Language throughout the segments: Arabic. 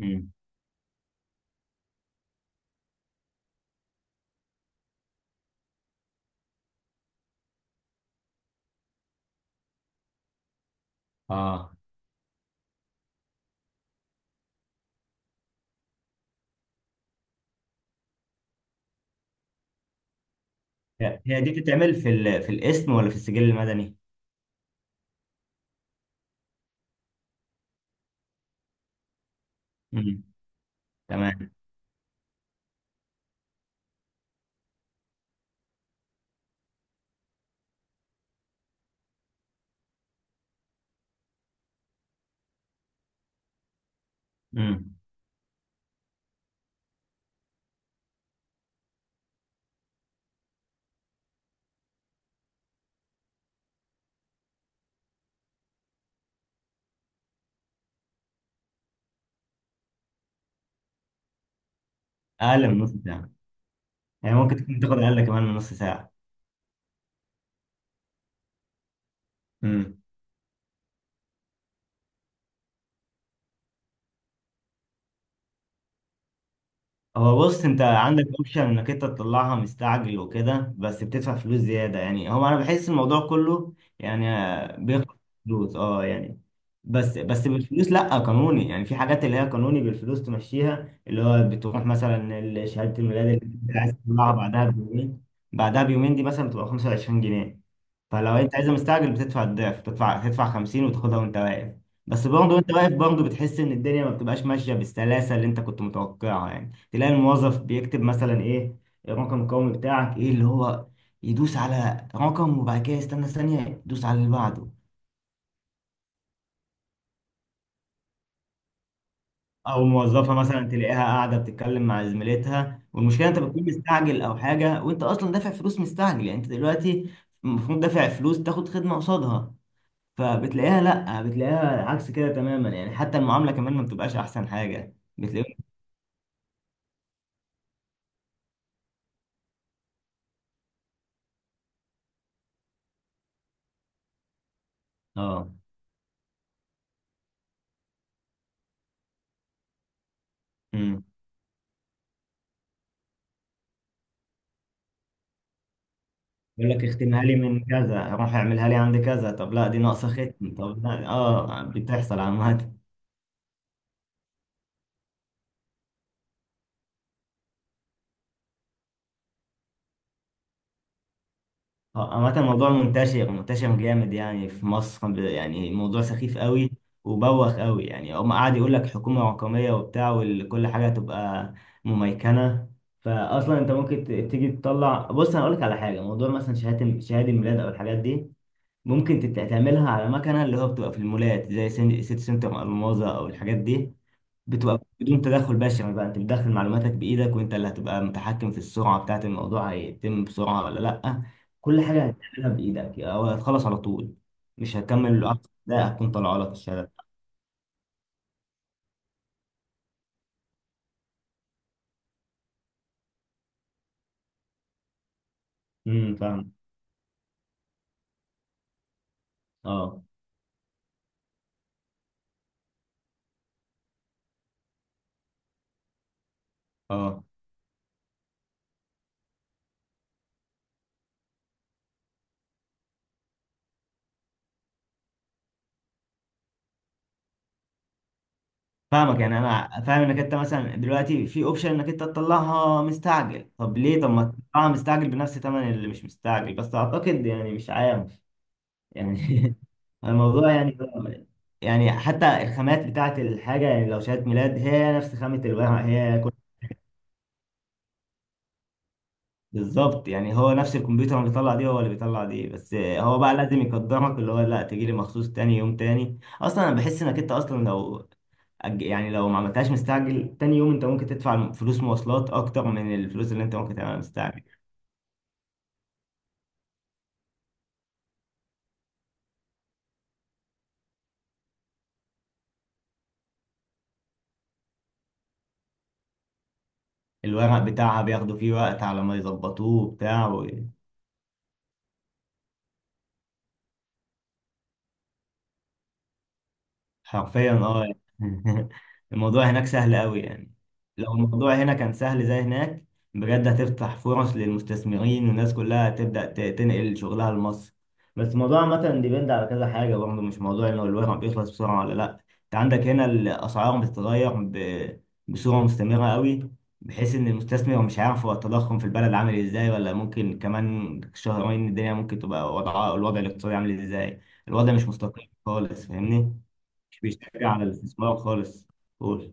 امم. اه. هي دي بتتعمل في في الاسم ولا في السجل المدني؟ امم. تمام. امم. اقل من نص ساعه. يعني ممكن تكون تاخد اقل كمان من نص ساعه. هو بص، انت عندك اوبشن انك انت تطلعها مستعجل وكده بس بتدفع فلوس زياده، يعني هو انا بحس الموضوع كله، يعني بياخد فلوس، اه يعني. بس بالفلوس لا قانوني، يعني في حاجات اللي هي قانوني بالفلوس تمشيها، اللي هو بتروح مثلا شهاده الميلاد اللي انت عايز تطلعها بعدها بيومين دي مثلا بتبقى 25 جنيه. فلو انت عايز مستعجل بتدفع الضعف، تدفع 50 وتاخدها وانت واقف. بس برضه وانت واقف برضه بتحس ان الدنيا ما بتبقاش ماشيه بالسلاسه اللي انت كنت متوقعها، يعني تلاقي الموظف بيكتب مثلا ايه، الرقم القومي بتاعك ايه، اللي هو يدوس على رقم وبعد كده يستنى ثانية يدوس على اللي بعده. او موظفة مثلا تلاقيها قاعدة بتتكلم مع زميلتها، والمشكلة انت بتكون مستعجل او حاجة، وانت اصلا دافع فلوس مستعجل. يعني انت دلوقتي المفروض دافع فلوس تاخد خدمة قصادها، فبتلاقيها لا بتلاقيها عكس كده تماما. يعني حتى المعاملة كمان ما بتبقاش احسن حاجة بتلاقيهم. اه، يقول لك اختمها لي من كذا، روح اعملها لي عند كذا، طب لا دي ناقصه ختم، طب لا. اه، بتحصل عامة. عامة الموضوع منتشر منتشر جامد يعني في مصر، يعني الموضوع سخيف قوي وبوخ قوي. يعني هم قعد يقول لك حكومة رقمية وبتاع وكل حاجة تبقى مميكنة، فأصلا أنت ممكن تيجي تطلع. بص، أنا أقول لك على حاجة، موضوع مثلا شهادة الميلاد أو الحاجات دي ممكن تعملها على مكنة اللي هو بتبقى في المولات زي سيتي سنتر ألماظة أو الحاجات دي. بتبقى بدون تدخل بشري، بقى انت بتدخل معلوماتك بايدك وانت اللي هتبقى متحكم في السرعه بتاعت الموضوع، هيتم بسرعه ولا لا. كل حاجه هتعملها بايدك او هتخلص على طول، مش هتكمل العقد ده هتكون طالعه لك الشهاده. فاهم. اه، اه، فاهمك. يعني انا فاهم انك انت مثلا دلوقتي في اوبشن انك انت تطلعها مستعجل، طب ليه؟ طب ما تطلعها مستعجل بنفس ثمن اللي مش مستعجل. بس اعتقد يعني مش عارف. يعني الموضوع، يعني حتى الخامات بتاعت الحاجة، يعني لو شهادة ميلاد هي نفس خامة الورق، هي كل. بالظبط، يعني هو نفس الكمبيوتر اللي بيطلع دي هو اللي بيطلع دي، بس هو بقى لازم يقدرك اللي هو لا تجي لي مخصوص تاني يوم. تاني، أصلا أنا بحس إنك أنت أصلا لو يعني لو ما عملتهاش مستعجل تاني يوم، أنت ممكن تدفع فلوس مواصلات أكتر من الفلوس اللي أنت ممكن تعملها مستعجل. الورق بتاعها بياخدوا فيه وقت على ما يظبطوه وبتاع. حرفيا، اه يعني. الموضوع هناك سهل قوي يعني. لو الموضوع هنا كان سهل زي هناك، بجد هتفتح فرص للمستثمرين، والناس كلها هتبدأ تنقل شغلها لمصر. بس الموضوع عامة ديبند على كذا حاجة برضه، مش موضوع انه الورق بيخلص بسرعة ولا لا. انت عندك هنا الأسعار بتتغير بصورة مستمرة قوي، بحيث ان المستثمر مش عارف هو التضخم في البلد عامل ازاي، ولا ممكن كمان شهرين الدنيا ممكن تبقى وضعها، الوضع الاقتصادي عامل ازاي. الوضع مش مستقر خالص، فاهمني. مش حاجة عن الاستثمار خالص. قول.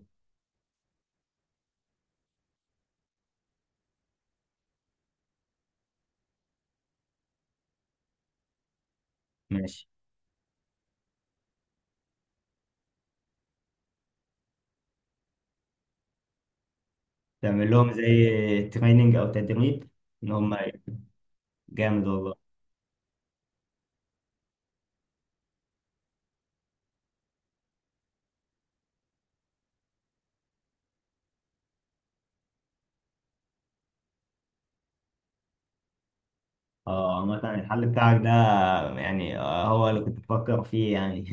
ماشي. تعمل لهم زي تريننج أو تدريب. إن هم، جامد والله. اه، عامة الحل بتاعك ده يعني هو اللي كنت بفكر فيه يعني.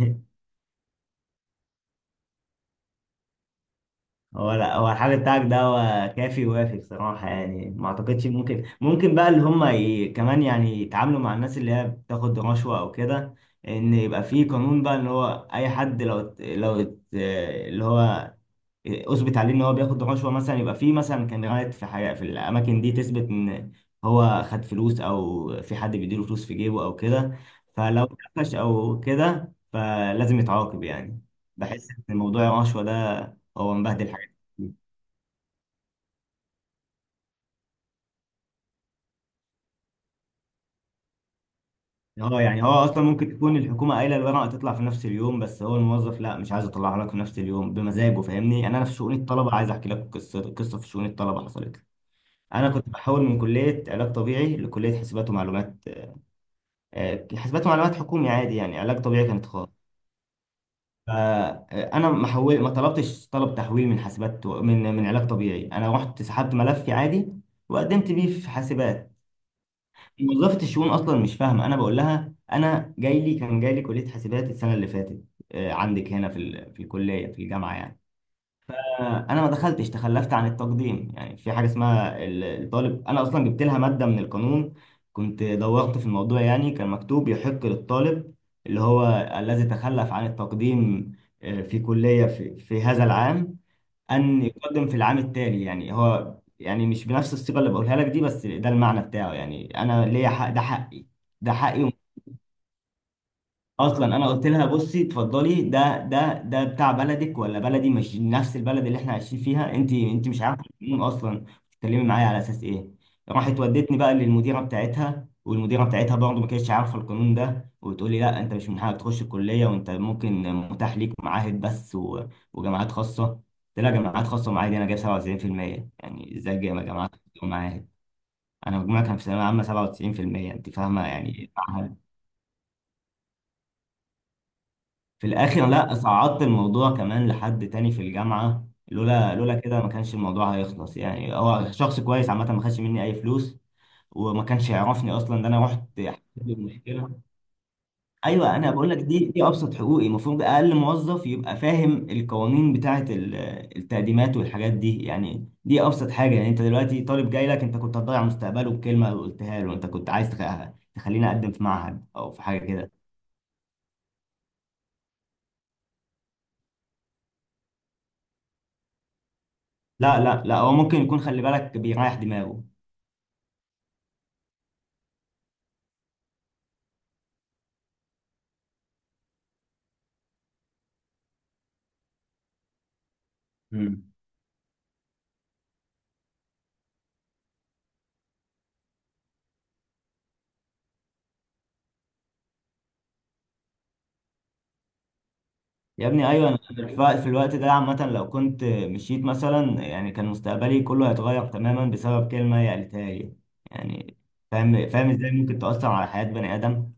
هو لا، هو الحل بتاعك ده هو كافي ووافي بصراحة، يعني ما أعتقدش. ممكن، ممكن بقى اللي هم كمان يعني يتعاملوا مع الناس اللي هي بتاخد رشوة أو كده. إن يبقى فيه قانون بقى، إن هو أي حد لو اللي هو اثبت عليه ان هو بياخد رشوه مثلا، يبقى في مثلا كاميرات، في حاجه في الاماكن دي تثبت ان هو خد فلوس، او في حد بيديله فلوس في جيبه او كده. فلو اتقفش او كده فلازم يتعاقب يعني. بحس ان موضوع الرشوه ده هو مبهدل حاجات كتير. هو يعني هو اصلا ممكن تكون الحكومه قايله الورقه تطلع في نفس اليوم، بس هو الموظف لا، مش عايز اطلعها لك في نفس اليوم بمزاجه، فاهمني؟ يعني انا في شؤون الطلبه عايز احكي لك قصه. قصه في شؤون الطلبه حصلت لي. انا كنت بحول من كليه علاج طبيعي لكليه حسابات ومعلومات، حاسبات ومعلومات حكومي عادي، يعني علاج طبيعي كانت خاص. فانا ما حول، ما طلبتش طلب تحويل من حاسبات من علاج طبيعي، انا رحت سحبت ملفي عادي وقدمت بيه في حاسبات. موظفه الشؤون اصلا مش فاهمه انا بقول لها انا جاي لي كان جاي لي كليه حاسبات السنه اللي فاتت عندك هنا في في الكليه في الجامعه، يعني انا ما دخلتش، تخلفت عن التقديم. يعني في حاجه اسمها الطالب، انا اصلا جبت لها ماده من القانون، كنت دورت في الموضوع، يعني كان مكتوب يحق للطالب، اللي هو الذي تخلف عن التقديم في كليه في هذا العام، ان يقدم في العام التالي. يعني هو يعني مش بنفس الصيغه اللي بقولها لك دي، بس ده المعنى بتاعه. يعني انا ليا حق، ده حقي. ده حقي اصلا. انا قلت لها بصي، اتفضلي، ده بتاع بلدك ولا بلدي؟ مش نفس البلد اللي احنا عايشين فيها؟ انت مش عارفه القانون اصلا، بتتكلمي معايا على اساس ايه؟ راحت ودتني بقى للمديره بتاعتها، والمديره بتاعتها برضه ما كانتش عارفه القانون ده، وبتقولي لا انت مش من حقك تخش الكليه، وانت ممكن متاح ليك معاهد بس وجامعات خاصه. قلت لها جامعات خاصه ومعاهد إيه؟ انا جايب 97%، يعني ازاي جايب جامعات خاصة ومعاهد؟ انا مجموعي كان في ثانويه عامه 97%، انت فاهمه يعني. في الاخر لا، صعدت الموضوع كمان لحد تاني في الجامعه، لولا كده ما كانش الموضوع هيخلص. يعني هو شخص كويس عامه، ما خدش مني اي فلوس وما كانش يعرفني اصلا، ده انا رحت حكيت له المشكله. ايوه، انا بقول لك دي ابسط حقوقي. المفروض اقل موظف يبقى فاهم القوانين بتاعه التقديمات والحاجات دي، يعني دي ابسط حاجه. يعني انت دلوقتي طالب جاي لك، انت كنت هتضيع مستقبله بكلمه قلتها له. انت كنت عايز تخليني اقدم في معهد او في حاجه كده. لا، لا، لا، هو ممكن يكون خلي بالك بيريح دماغه. مم. يا ابني، ايوه، انا في في الوقت ده عامه لو كنت مشيت مثلا، يعني كان مستقبلي كله هيتغير تماما بسبب كلمه هي قالتها لي. يعني فاهم ازاي ممكن تاثر على حياه بني ادم.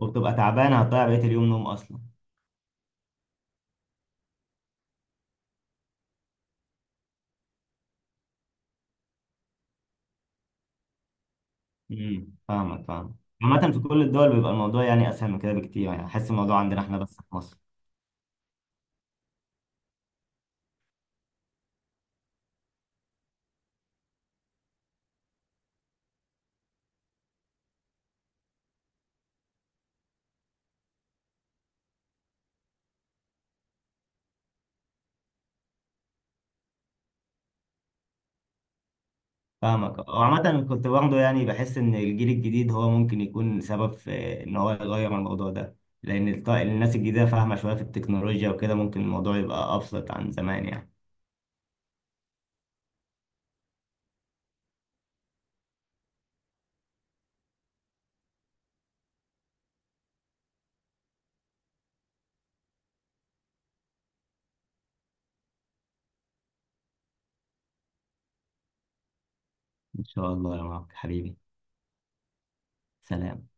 وبتبقى تعبان، هتضيع بقيه اليوم نوم اصلا. فاهمك، فاهمك. عامه في كل الدول بيبقى الموضوع يعني اسهل من كده بكتير، يعني حاسس الموضوع عندنا احنا بس في مصر. فاهمك، وعامة كنت برضه يعني بحس إن الجيل الجديد هو ممكن يكون سبب في إن هو يغير الموضوع ده، لأن الناس الجديدة فاهمة شوية في التكنولوجيا وكده، ممكن الموضوع يبقى أبسط عن زمان يعني. إن شاء الله يا مارك حبيبي. سلام.